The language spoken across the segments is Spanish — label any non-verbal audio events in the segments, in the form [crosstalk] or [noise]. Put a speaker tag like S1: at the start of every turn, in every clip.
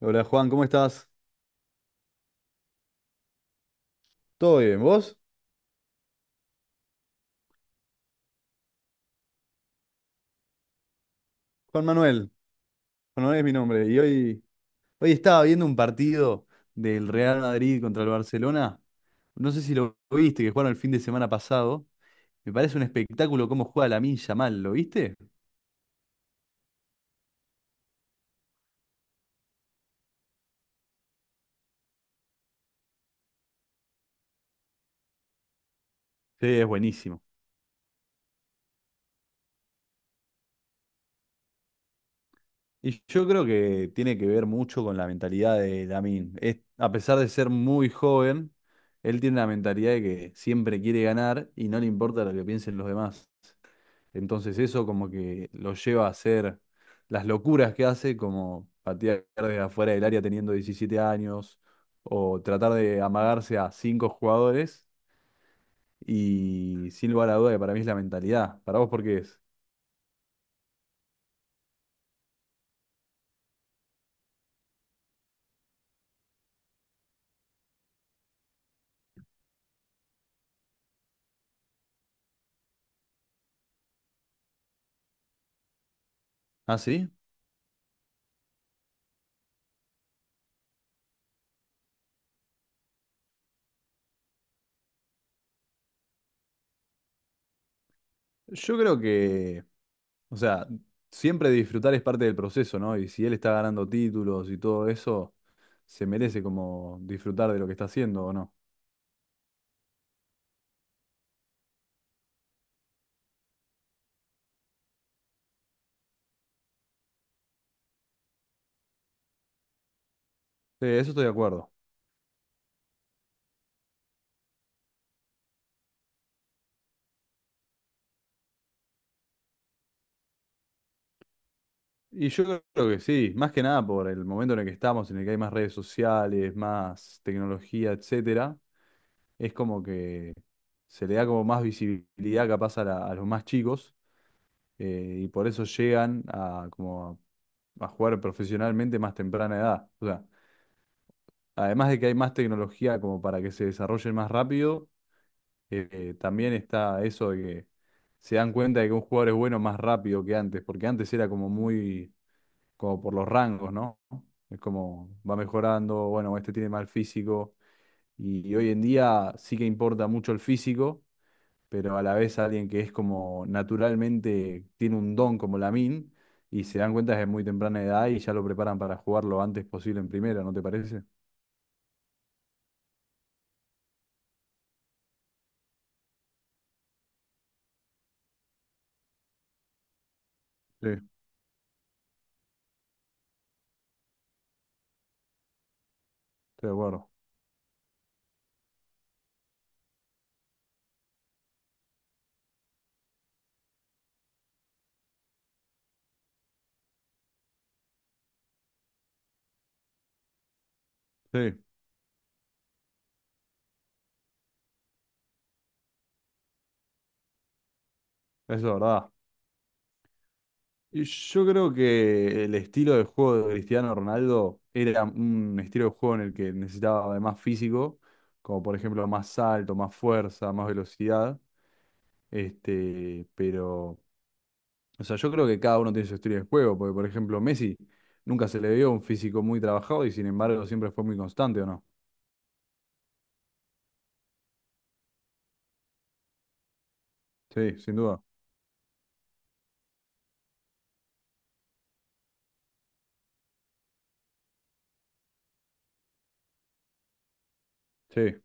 S1: Hola Juan, ¿cómo estás? ¿Todo bien? ¿Vos? Juan Manuel. Juan Manuel es mi nombre. Y hoy, hoy estaba viendo un partido del Real Madrid contra el Barcelona. No sé si lo viste, que jugaron el fin de semana pasado. Me parece un espectáculo cómo juega Lamine Yamal, ¿lo viste? Sí, es buenísimo. Y yo creo que tiene que ver mucho con la mentalidad de Lamine. Es, a pesar de ser muy joven, él tiene la mentalidad de que siempre quiere ganar y no le importa lo que piensen los demás. Entonces eso como que lo lleva a hacer las locuras que hace, como patear desde afuera del área teniendo 17 años, o tratar de amagarse a cinco jugadores, y sin lugar a duda que para mí es la mentalidad. ¿Para vos por qué es? ¿Ah, sí? Yo creo que, o sea, siempre disfrutar es parte del proceso, ¿no? Y si él está ganando títulos y todo eso, se merece como disfrutar de lo que está haciendo, ¿o no? Sí, eso estoy de acuerdo. Y yo creo que sí, más que nada por el momento en el que estamos, en el que hay más redes sociales, más tecnología, etcétera, es como que se le da como más visibilidad capaz a, a los más chicos y por eso llegan a, como a jugar profesionalmente más temprana edad. O sea, además de que hay más tecnología como para que se desarrollen más rápido, también está eso de que se dan cuenta de que un jugador es bueno más rápido que antes, porque antes era como muy como por los rangos, ¿no? Es como va mejorando, bueno, este tiene mal físico y hoy en día sí que importa mucho el físico, pero a la vez alguien que es como naturalmente tiene un don como Lamine y se dan cuenta desde muy temprana edad y ya lo preparan para jugar lo antes posible en primera, ¿no te parece? Sí, estoy de acuerdo. Sí, eso es verdad. Y yo creo que el estilo de juego de Cristiano Ronaldo era un estilo de juego en el que necesitaba de más físico, como por ejemplo más salto, más fuerza, más velocidad. Este, pero, o sea, yo creo que cada uno tiene su estilo de juego, porque por ejemplo Messi nunca se le vio un físico muy trabajado y sin embargo siempre fue muy constante, ¿o no? Sí, sin duda. Sí.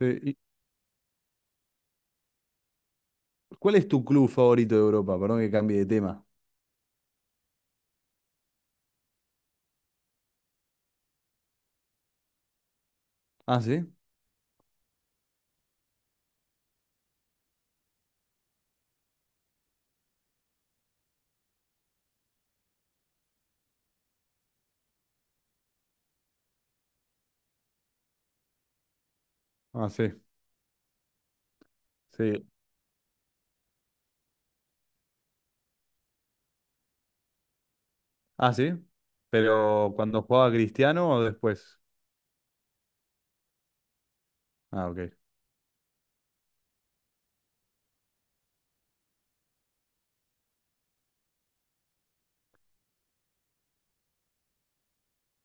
S1: Sí, ¿y cuál es tu club favorito de Europa? Perdón que cambie de tema. Ah, sí. Ah, sí. Sí. Ah, sí. Pero cuando jugaba Cristiano o después. Ah, ok.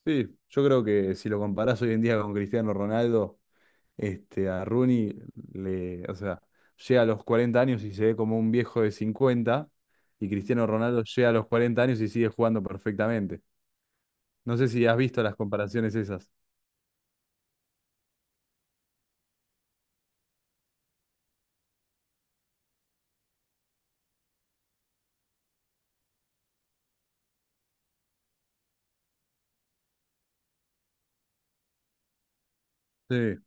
S1: Sí, yo creo que si lo comparás hoy en día con Cristiano Ronaldo, este, a Rooney le, o sea, llega a los 40 años y se ve como un viejo de 50 y Cristiano Ronaldo llega a los 40 años y sigue jugando perfectamente. No sé si has visto las comparaciones esas. Sí,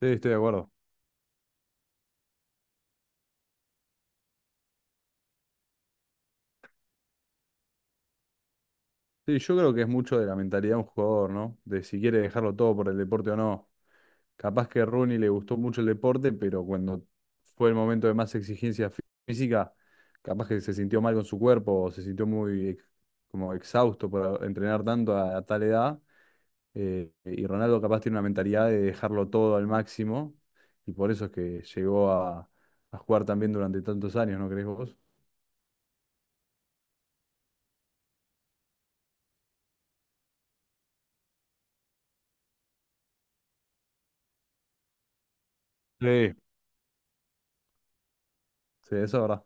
S1: sí, estoy de acuerdo. Sí, yo creo que es mucho de la mentalidad de un jugador, ¿no? De si quiere dejarlo todo por el deporte o no. Capaz que a Rooney le gustó mucho el deporte, pero cuando fue el momento de más exigencia física, capaz que se sintió mal con su cuerpo, o se sintió muy como exhausto por entrenar tanto a tal edad. Y Ronaldo capaz tiene una mentalidad de dejarlo todo al máximo, y por eso es que llegó a jugar también durante tantos años, ¿no crees vos? Sí. Sí, eso es verdad.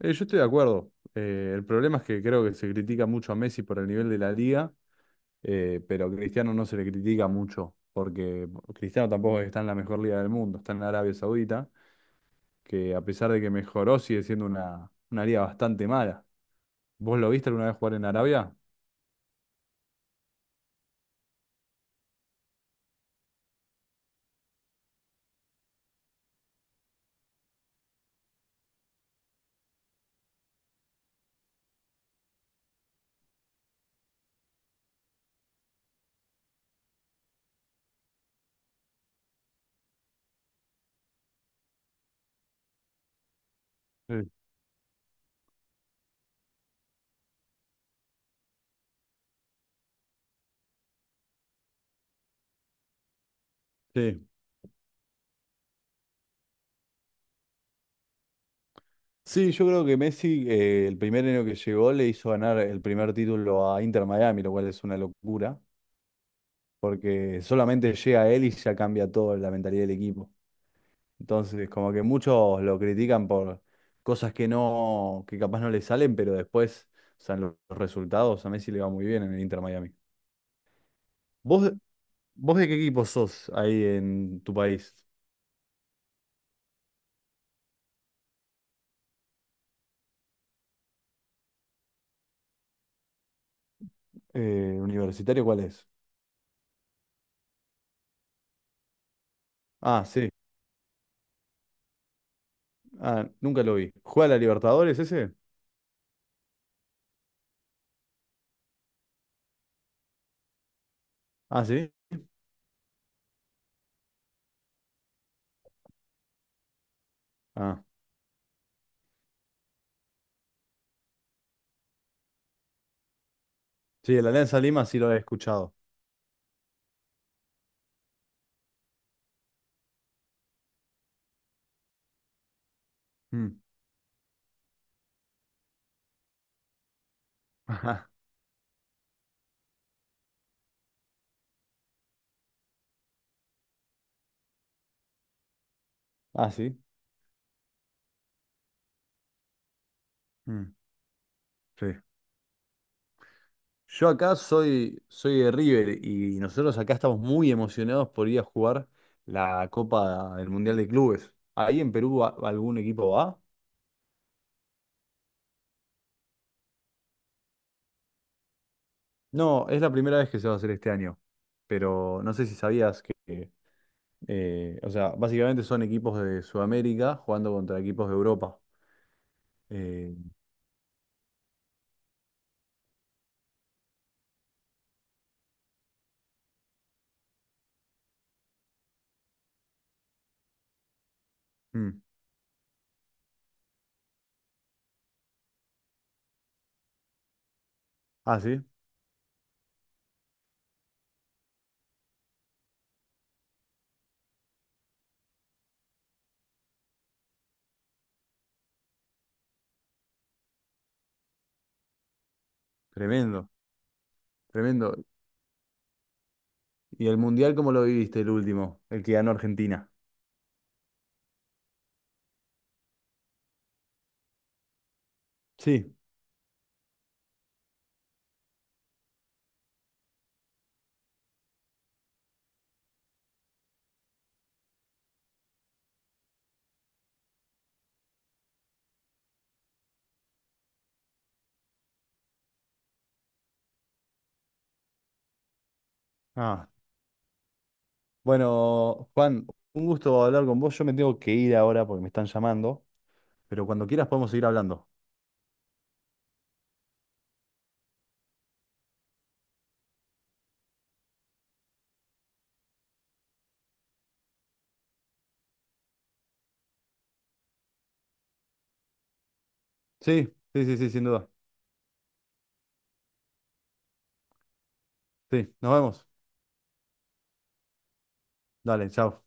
S1: Yo estoy de acuerdo. El problema es que creo que se critica mucho a Messi por el nivel de la liga. Pero a Cristiano no se le critica mucho, porque Cristiano tampoco está en la mejor liga del mundo, está en Arabia Saudita, que a pesar de que mejoró, sigue siendo una liga bastante mala. ¿Vos lo viste alguna vez jugar en Arabia? Sí. Sí. Sí, yo creo que Messi, el primer año que llegó, le hizo ganar el primer título a Inter Miami, lo cual es una locura, porque solamente llega él y ya cambia todo la mentalidad del equipo. Entonces, como que muchos lo critican por cosas que no, que capaz no le salen, pero después, o sea, en los resultados a Messi le va muy bien en el Inter Miami. ¿Vos, vos de qué equipo sos ahí en tu país? ¿Universitario cuál es? Ah, sí. Ah, nunca lo vi. ¿Juega la Libertadores ese? Ah, sí. Ah, sí, el Alianza Lima sí lo he escuchado. Mm. Ajá. [laughs] Ah, sí. Mm. Sí. Yo acá soy, soy de River y nosotros acá estamos muy emocionados por ir a jugar la Copa del Mundial de Clubes. ¿Ahí en Perú algún equipo va? No, es la primera vez que se va a hacer este año, pero no sé si sabías que, o sea, básicamente son equipos de Sudamérica jugando contra equipos de Europa. Eh, mm. Ah, sí, tremendo, tremendo. ¿Y el Mundial cómo lo viviste el último, el que ganó Argentina? Sí. Ah, bueno, Juan, un gusto hablar con vos. Yo me tengo que ir ahora porque me están llamando, pero cuando quieras podemos seguir hablando. Sí, sí, sí, sí, sin duda. Sí, nos vemos. Dale, chao.